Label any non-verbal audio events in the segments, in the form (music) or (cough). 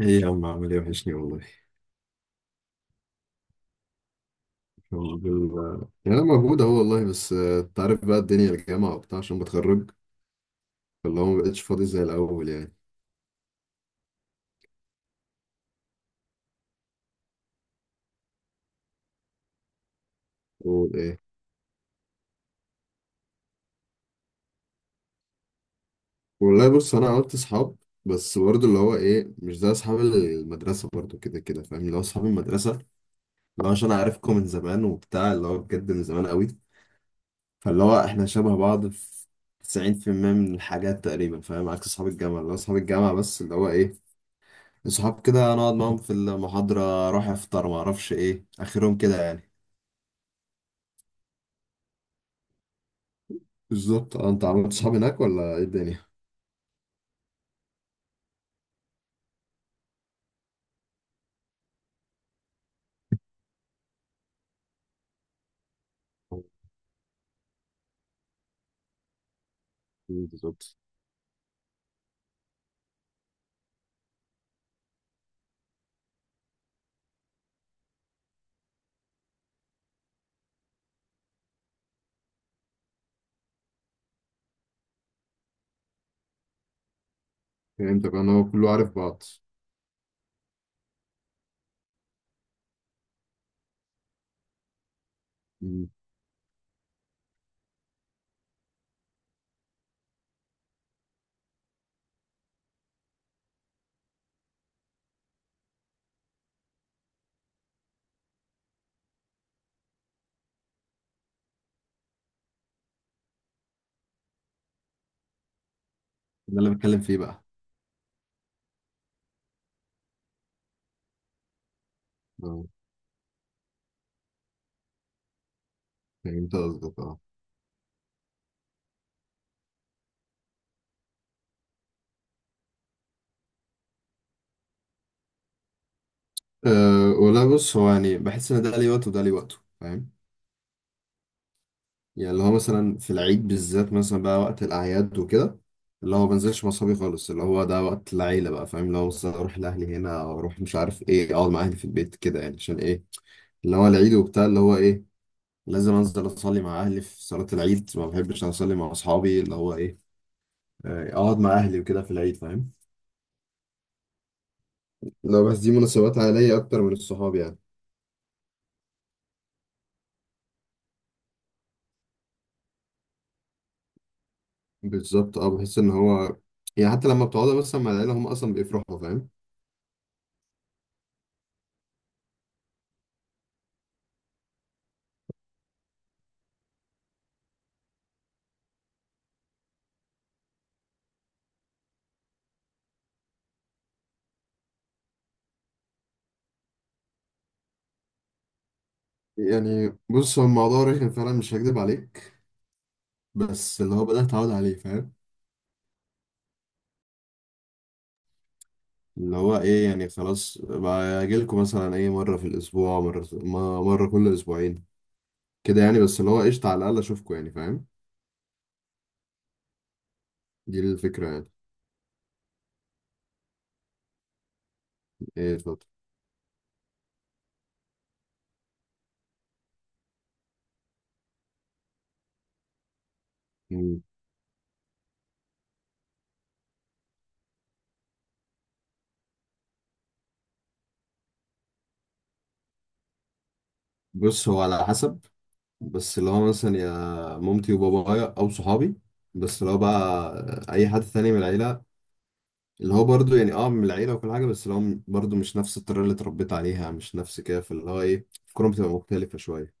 ايه يا عم، عامل ايه؟ وحشني والله. يعني انا موجود اهو والله، بس انت عارف بقى الدنيا الجامعة وبتاع عشان بتخرج، فاللي هو ما بقتش فاضي زي الاول يعني. قول ايه. والله بص انا عملت اصحاب، بس برضه اللي هو ايه، مش زي اصحاب المدرسة برضه، كده كده فاهم؟ اللي هو اصحاب المدرسة اللي هو عشان عارفكم من زمان وبتاع، اللي هو بجد من زمان قوي، فاللي هو احنا شبه بعض في 90% من الحاجات تقريبا فاهم؟ عكس اصحاب الجامعة، اللي هو اصحاب الجامعة بس اللي هو ايه، صحاب كده نقعد معاهم في المحاضرة، أروح أفطر، معرفش إيه آخرهم كده يعني. بالظبط اه، انت عملت صحاب هناك ولا ايه الدنيا؟ بالظبط. فهمتك، انا هو كله عارف بعض. مم. ده اللي بتكلم فيه بقى. اه فهمت قصدك اه. ولا بص، هو يعني بحس ان ده ليه وقته وده ليه وقته فاهم؟ يعني اللي هو مثلا في العيد بالذات مثلا، بقى وقت الاعياد وكده، اللي هو ما بنزلش مع اصحابي خالص، اللي هو ده وقت العيله بقى فاهم؟ اللي هو مثلا اروح لاهلي هنا، او اروح مش عارف ايه، اقعد مع اهلي في البيت كده يعني، عشان ايه؟ اللي هو العيد وبتاع، اللي هو ايه، لازم انزل اصلي مع اهلي في صلاة العيد، ما بحبش اصلي مع اصحابي، اللي هو ايه، اقعد مع اهلي وكده في العيد فاهم؟ لو بس دي مناسبات عائلية اكتر من الصحاب يعني. بالظبط اه، بحس ان هو يعني حتى لما بتقعدوا بس مع العيلة هم اصلا بيفرحوا فاهم؟ يعني بص هو الموضوع رخم فعلا، مش هكدب عليك، بس اللي هو بدأت اتعود عليه فاهم. اللي هو ايه يعني، خلاص باجيلكوا مثلا ايه، مرة في الاسبوع، مرة كل اسبوعين كده يعني، بس اللي هو قشطة على الاقل اشوفكوا يعني فاهم. دي الفكرة يعني. ايه، اتفضل. مم. بص هو على حسب. بس لو أنا مثلا يا مامتي وبابايا او صحابي، بس لو بقى اي حد تاني من العيله، اللي هو برضو يعني اه من العيله وكل حاجه، بس اللي هو برضو مش نفس الطريقه اللي اتربيت عليها، مش نفس كده، فاللي هو ايه، الكوره بتبقى مختلفه شويه.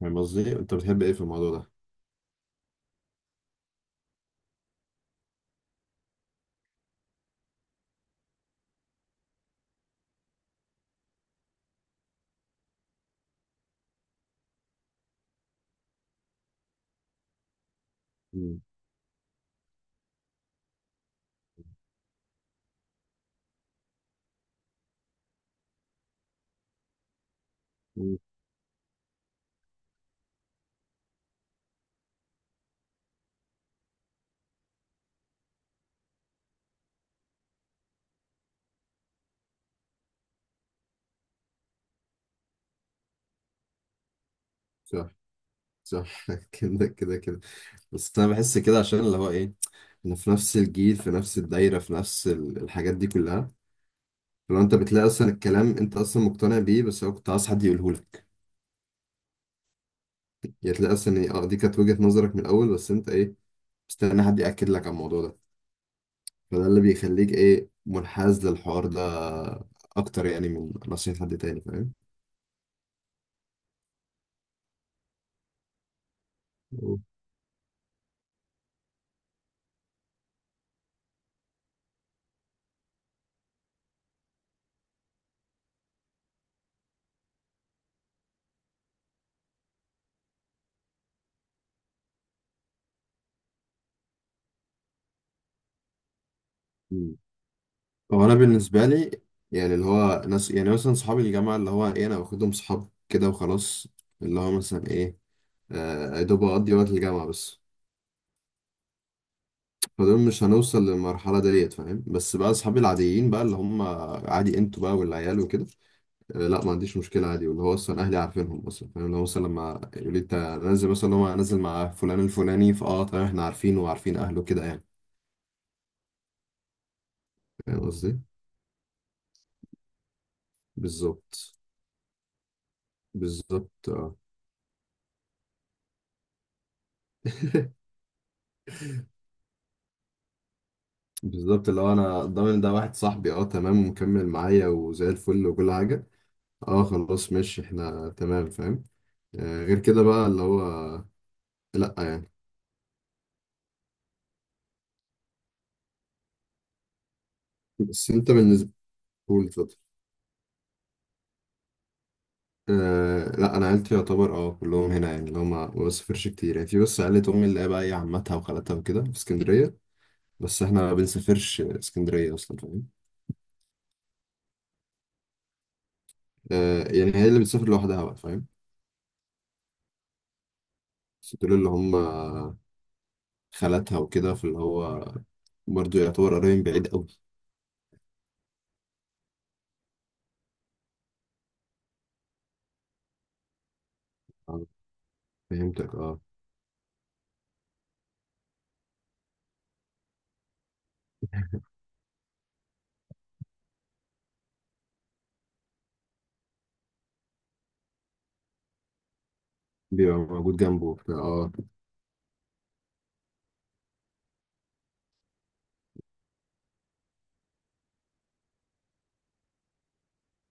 فاهم قصدي؟ انت بتحب ايه في الموضوع ده؟ مم. مم. صح. صح (laughs) كده كده كده. بس انا بحس كده عشان اللي هو ايه، انا في نفس الجيل، في نفس الدايره، في نفس الحاجات دي كلها. لو انت بتلاقي اصلا الكلام انت اصلا مقتنع بيه، بس هو كنت عايز حد يقوله لك، يعني تلاقي اصلا اه دي كانت وجهة نظرك من الاول، بس انت ايه، مستني حد ياكد لك على الموضوع ده. فده اللي بيخليك ايه، منحاز للحوار ده اكتر يعني من نصيحة حد تاني فاهم. مم. مم. هو انا بالنسبه لي يعني، اللي هو ناس يعني مثلا صحابي الجامعه، اللي هو ايه، انا باخدهم صحاب كده وخلاص، اللي هو مثلا ايه، يا دوب اقضي وقت الجامعه بس، فدول مش هنوصل للمرحلة ديت فاهم. بس بقى أصحابي العاديين بقى اللي هم عادي، أنتوا بقى والعيال وكده، لا ما عنديش مشكلة عادي، واللي هو أصلا أهلي عارفينهم أصلا فاهم، لو مثلا لما يقول لي أنت نازل مثلا، هو نازل مع فلان الفلاني، فأه تمام إحنا عارفينه وعارفين أهله كده يعني. فاهم قصدي؟ بالظبط. بالظبط اه (laughs) بالظبط اللي هو أنا ضامن ده واحد صاحبي، أه تمام ومكمل معايا وزي الفل وكل حاجة، أه خلاص ماشي إحنا تمام فاهم. غير كده بقى اللي هو، لأ يعني. بس انت بالنسبة قول اتفضل. أه لا انا عيلتي يعتبر اه كلهم هنا يعني، اللي هم ما بسافرش كتير يعني، في بس عيلة امي اللي هي بقى ايه، عمتها وخالتها وكده في اسكندرية، بس احنا ما بنسافرش اسكندرية اصلا فاهم. أه يعني هي اللي بتسافر لوحدها بقى فاهم. بس دول اللي هم خالتها وكده، فاللي هو برضه يعتبر قريب بعيد قوي. آه، فهمتك اه. بيبقى موجود جنبه وبتاع، اه.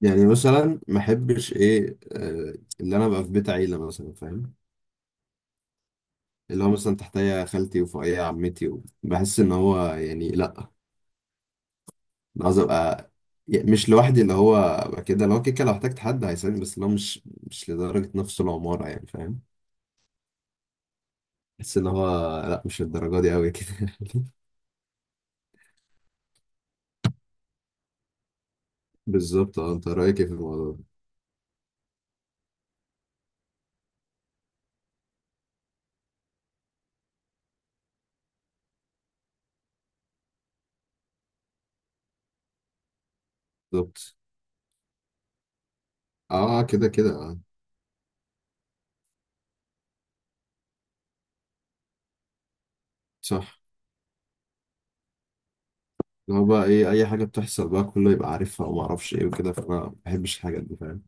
يعني مثلا ما احبش ايه، اللي انا ابقى في بيت عيلة مثلا فاهم، اللي هو مثلا تحتيا خالتي وفوقيا عمتي بحس ان هو يعني لا. انا عايز ابقى يعني مش لوحدي، اللي هو ابقى كده، لو كده لو احتجت حد هيساعدني، بس اللي هو مش لدرجة نفس العمارة يعني فاهم. بحس ان هو لا، مش للدرجة دي قوي كده (laughs) بالظبط اه، انت رايك ايه في الموضوع ده؟ بالظبط اه. كده كده اه. صح. اللي هو بقى ايه، اي حاجة بتحصل بقى كله يبقى عارفها، وما اعرفش ايه وكده، فانا ما بحبش الحاجات دي فاهم.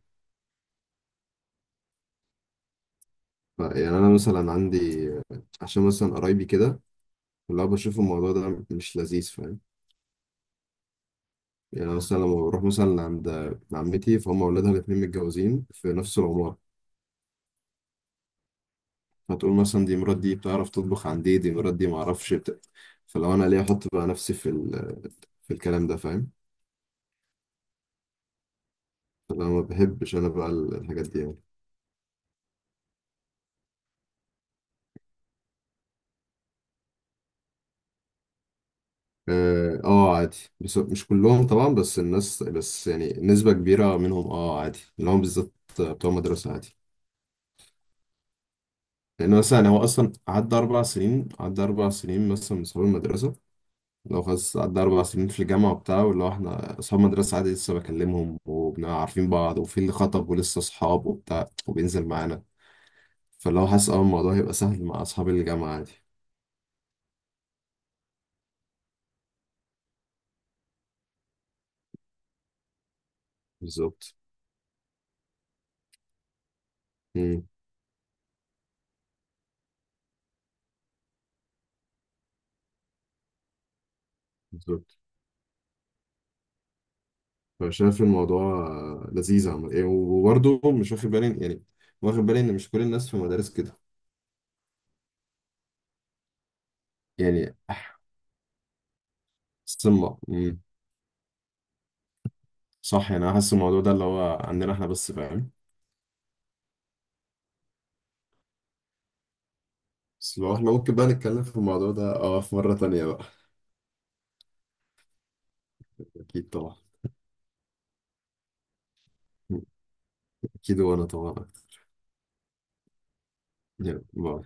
يعني انا مثلا عندي، عشان مثلا قرايبي كده، اللي هو بشوف الموضوع ده مش لذيذ فاهم. يعني مثلا لما بروح مثلا عند عمتي، فهم أولادها الاتنين متجوزين في نفس العمارة، فتقول مثلا دي مرات دي بتعرف تطبخ عن دي، دي مرات دي معرفش فلو أنا ليه أحط بقى نفسي في في الكلام ده فاهم. فأنا ما بحبش أنا بقى الحاجات دي يعني. آه عادي، بس مش كلهم طبعا، بس الناس بس يعني نسبة كبيرة منهم آه عادي، اللي هم بالذات بتوع مدرسة عادي. لأن مثلا هو أصلا عدى أربع سنين، مثلا من صحاب المدرسة، لو خلاص قعدنا أربع سنين في الجامعة وبتاع، واللي هو إحنا أصحاب مدرسة عادي لسه بكلمهم وبنبقى عارفين بعض، وفي اللي خطب ولسه أصحاب وبتاع وبينزل معانا، فاللي هو حاسس أه الموضوع هيبقى سهل مع أصحاب الجامعة عادي. بالظبط. مم. بالظبط. فشايف الموضوع لذيذ، عمل إيه وبرضه مش واخد بالي يعني، واخد بالي إن مش كل الناس في مدارس كده يعني سمة. صح، يعني أنا حاسس الموضوع ده اللي هو عندنا إحنا بس فاهم. بس لو إحنا ممكن بقى نتكلم في الموضوع ده أه في مرة تانية بقى. أكيد طبعا. أكيد وأنا طبعا، يعني ما